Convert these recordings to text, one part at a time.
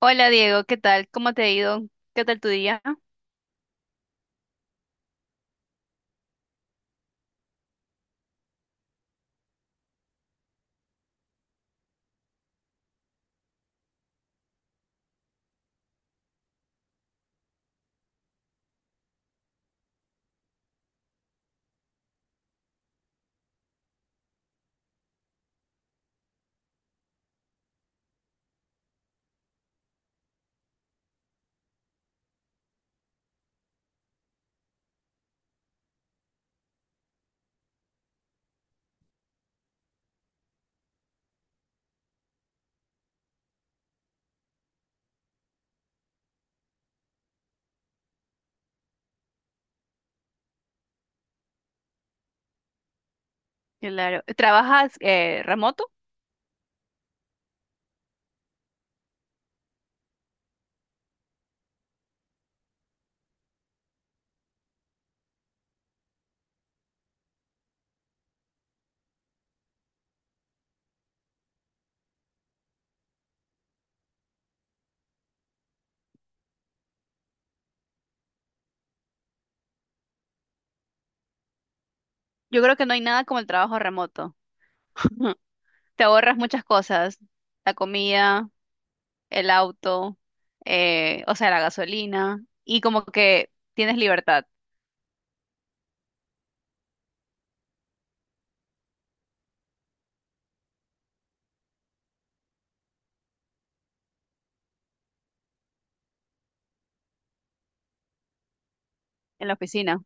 Hola Diego, ¿qué tal? ¿Cómo te ha ido? ¿Qué tal tu día? Claro. ¿Trabajas remoto? Yo creo que no hay nada como el trabajo remoto. Te ahorras muchas cosas, la comida, el auto, o sea, la gasolina, y como que tienes libertad en la oficina.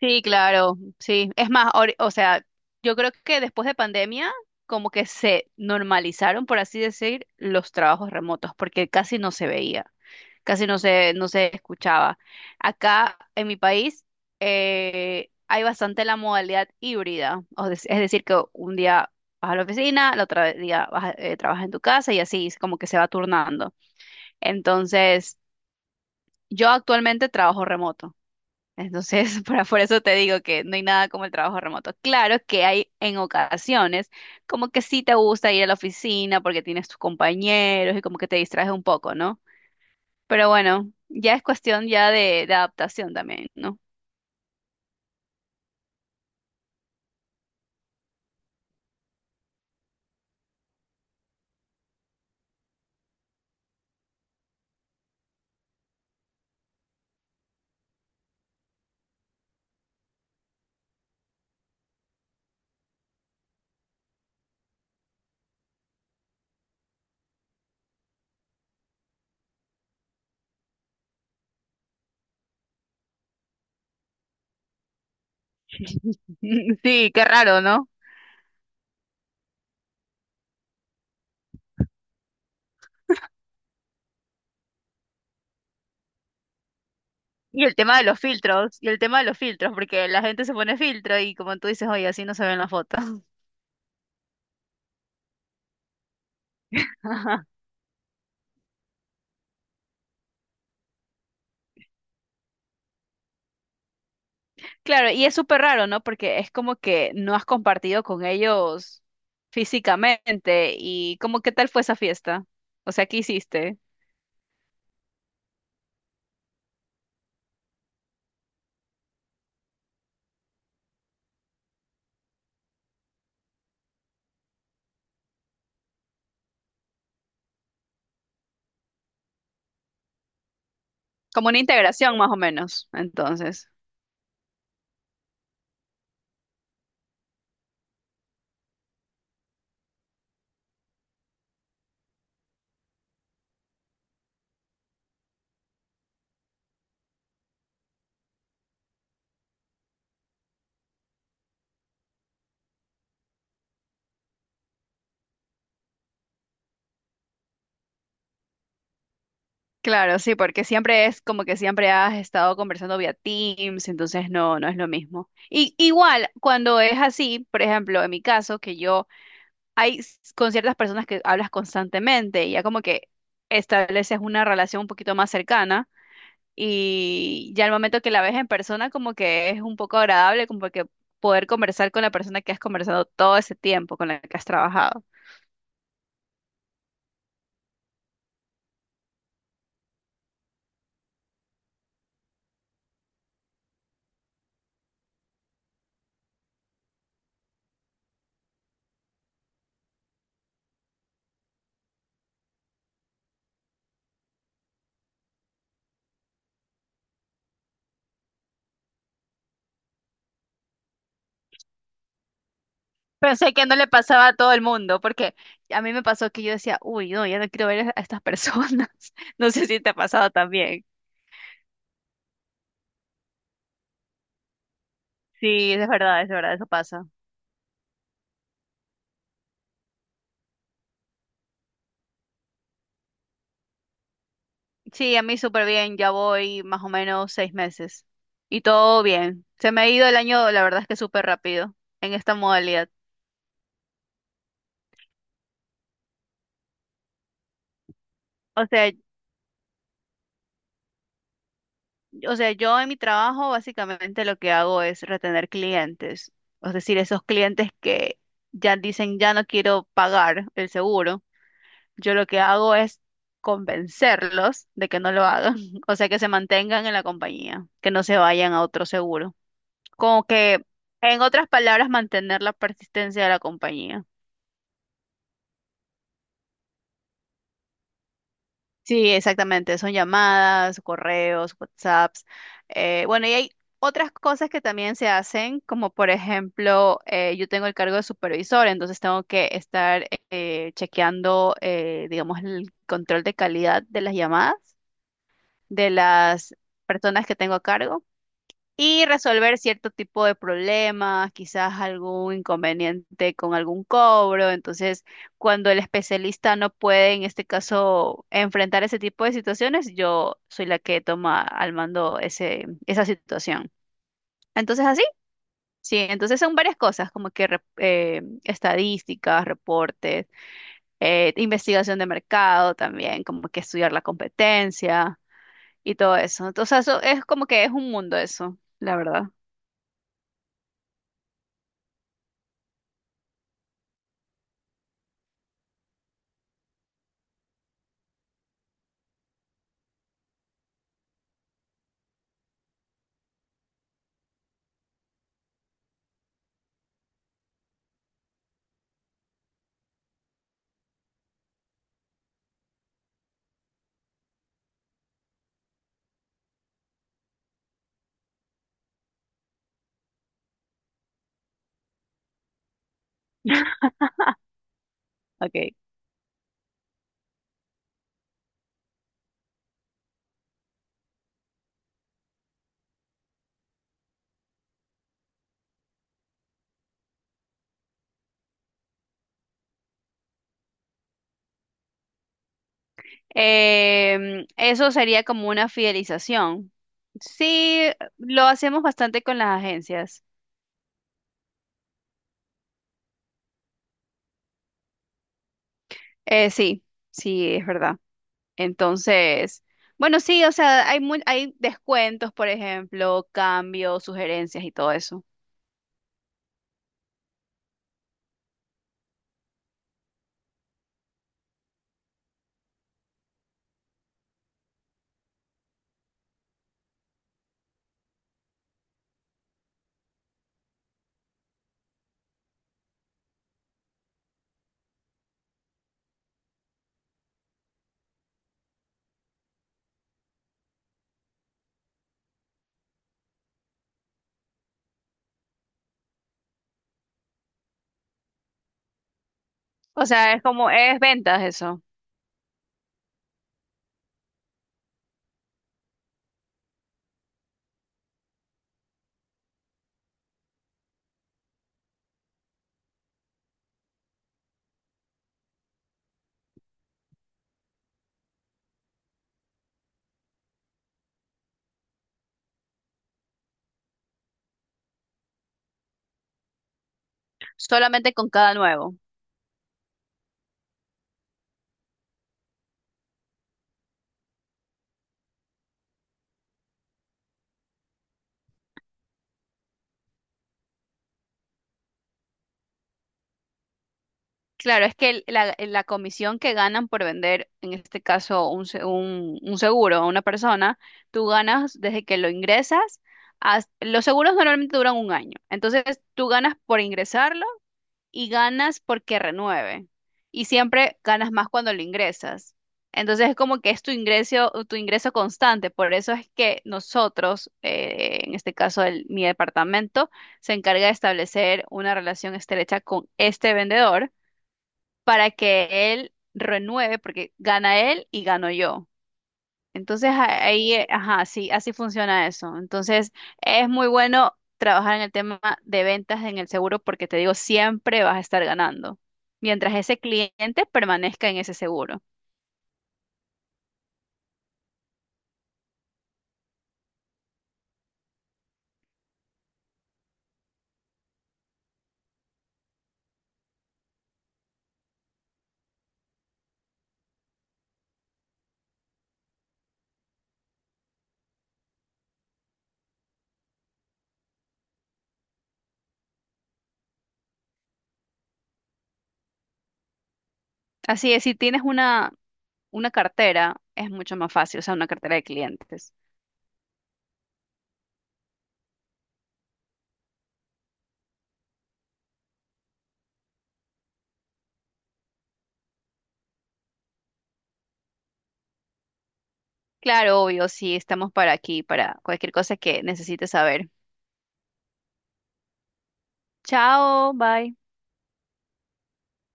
Sí, claro, sí. Es más, o sea, yo creo que después de pandemia, como que se normalizaron, por así decir, los trabajos remotos, porque casi no se veía. Casi no se escuchaba. Acá en mi país hay bastante la modalidad híbrida, es decir, que un día vas a la oficina, el otro día trabajas en tu casa y así es como que se va turnando. Entonces, yo actualmente trabajo remoto. Entonces, por eso te digo que no hay nada como el trabajo remoto. Claro que hay en ocasiones como que sí te gusta ir a la oficina porque tienes tus compañeros y como que te distraes un poco, ¿no? Pero bueno, ya es cuestión ya de adaptación también, ¿no? Sí, qué raro, ¿no? Y el tema de los filtros, y el tema de los filtros, porque la gente se pone filtro y como tú dices, oye, así no se ven las fotos. Ajá. Claro, y es súper raro, ¿no? Porque es como que no has compartido con ellos físicamente y como qué tal fue esa fiesta. O sea, ¿qué hiciste? Como una integración más o menos, entonces. Claro, sí, porque siempre es como que siempre has estado conversando vía Teams, entonces no es lo mismo. Y igual, cuando es así, por ejemplo, en mi caso, que yo con ciertas personas que hablas constantemente, y ya como que estableces una relación un poquito más cercana y ya al momento que la ves en persona como que es un poco agradable, como que poder conversar con la persona que has conversado todo ese tiempo, con la que has trabajado. Pensé que no le pasaba a todo el mundo, porque a mí me pasó que yo decía, uy, no, ya no quiero ver a estas personas. No sé si te ha pasado también. Sí, es verdad, eso pasa. Sí, a mí súper bien, ya voy más o menos 6 meses. Y todo bien. Se me ha ido el año, la verdad es que súper rápido en esta modalidad. O sea, o sea, yo en mi trabajo básicamente lo que hago es retener clientes. Es decir, esos clientes que ya dicen, ya no quiero pagar el seguro. Yo lo que hago es convencerlos de que no lo hagan, o sea, que se mantengan en la compañía, que no se vayan a otro seguro. Como que, en otras palabras, mantener la persistencia de la compañía. Sí, exactamente, son llamadas, correos, WhatsApps. Bueno, y hay otras cosas que también se hacen, como por ejemplo, yo tengo el cargo de supervisor, entonces tengo que estar chequeando, digamos, el control de calidad de las llamadas. De las personas que tengo a cargo y resolver cierto tipo de problemas, quizás algún inconveniente con algún cobro. Entonces, cuando el especialista no puede, en este caso, enfrentar ese tipo de situaciones, yo soy la que toma al mando esa situación. Entonces, así, sí, entonces son varias cosas, como que estadísticas, reportes, investigación de mercado también, como que estudiar la competencia y todo eso. Entonces, eso es como que es un mundo eso, la verdad. Ok. Eso sería como una fidelización. Sí, lo hacemos bastante con las agencias. Sí, sí, es verdad. Entonces, bueno, sí, o sea, hay descuentos, por ejemplo, cambios, sugerencias y todo eso. O sea, es ventas eso, solamente con cada nuevo. Claro, es que la comisión que ganan por vender, en este caso, un seguro a una persona, tú ganas desde que lo ingresas. Los seguros normalmente duran un año. Entonces, tú ganas por ingresarlo y ganas porque renueve. Y siempre ganas más cuando lo ingresas. Entonces, es como que es tu ingreso, constante. Por eso es que nosotros, en este caso, mi departamento, se encarga de establecer una relación estrecha con este vendedor para que él renueve, porque gana él y gano yo. Entonces ahí, ajá, sí, así funciona eso. Entonces es muy bueno trabajar en el tema de ventas en el seguro porque te digo, siempre vas a estar ganando mientras ese cliente permanezca en ese seguro. Así es, si tienes una cartera, es mucho más fácil, o sea, una cartera de clientes. Claro, obvio, sí, estamos para aquí, para cualquier cosa que necesites saber. Chao, bye.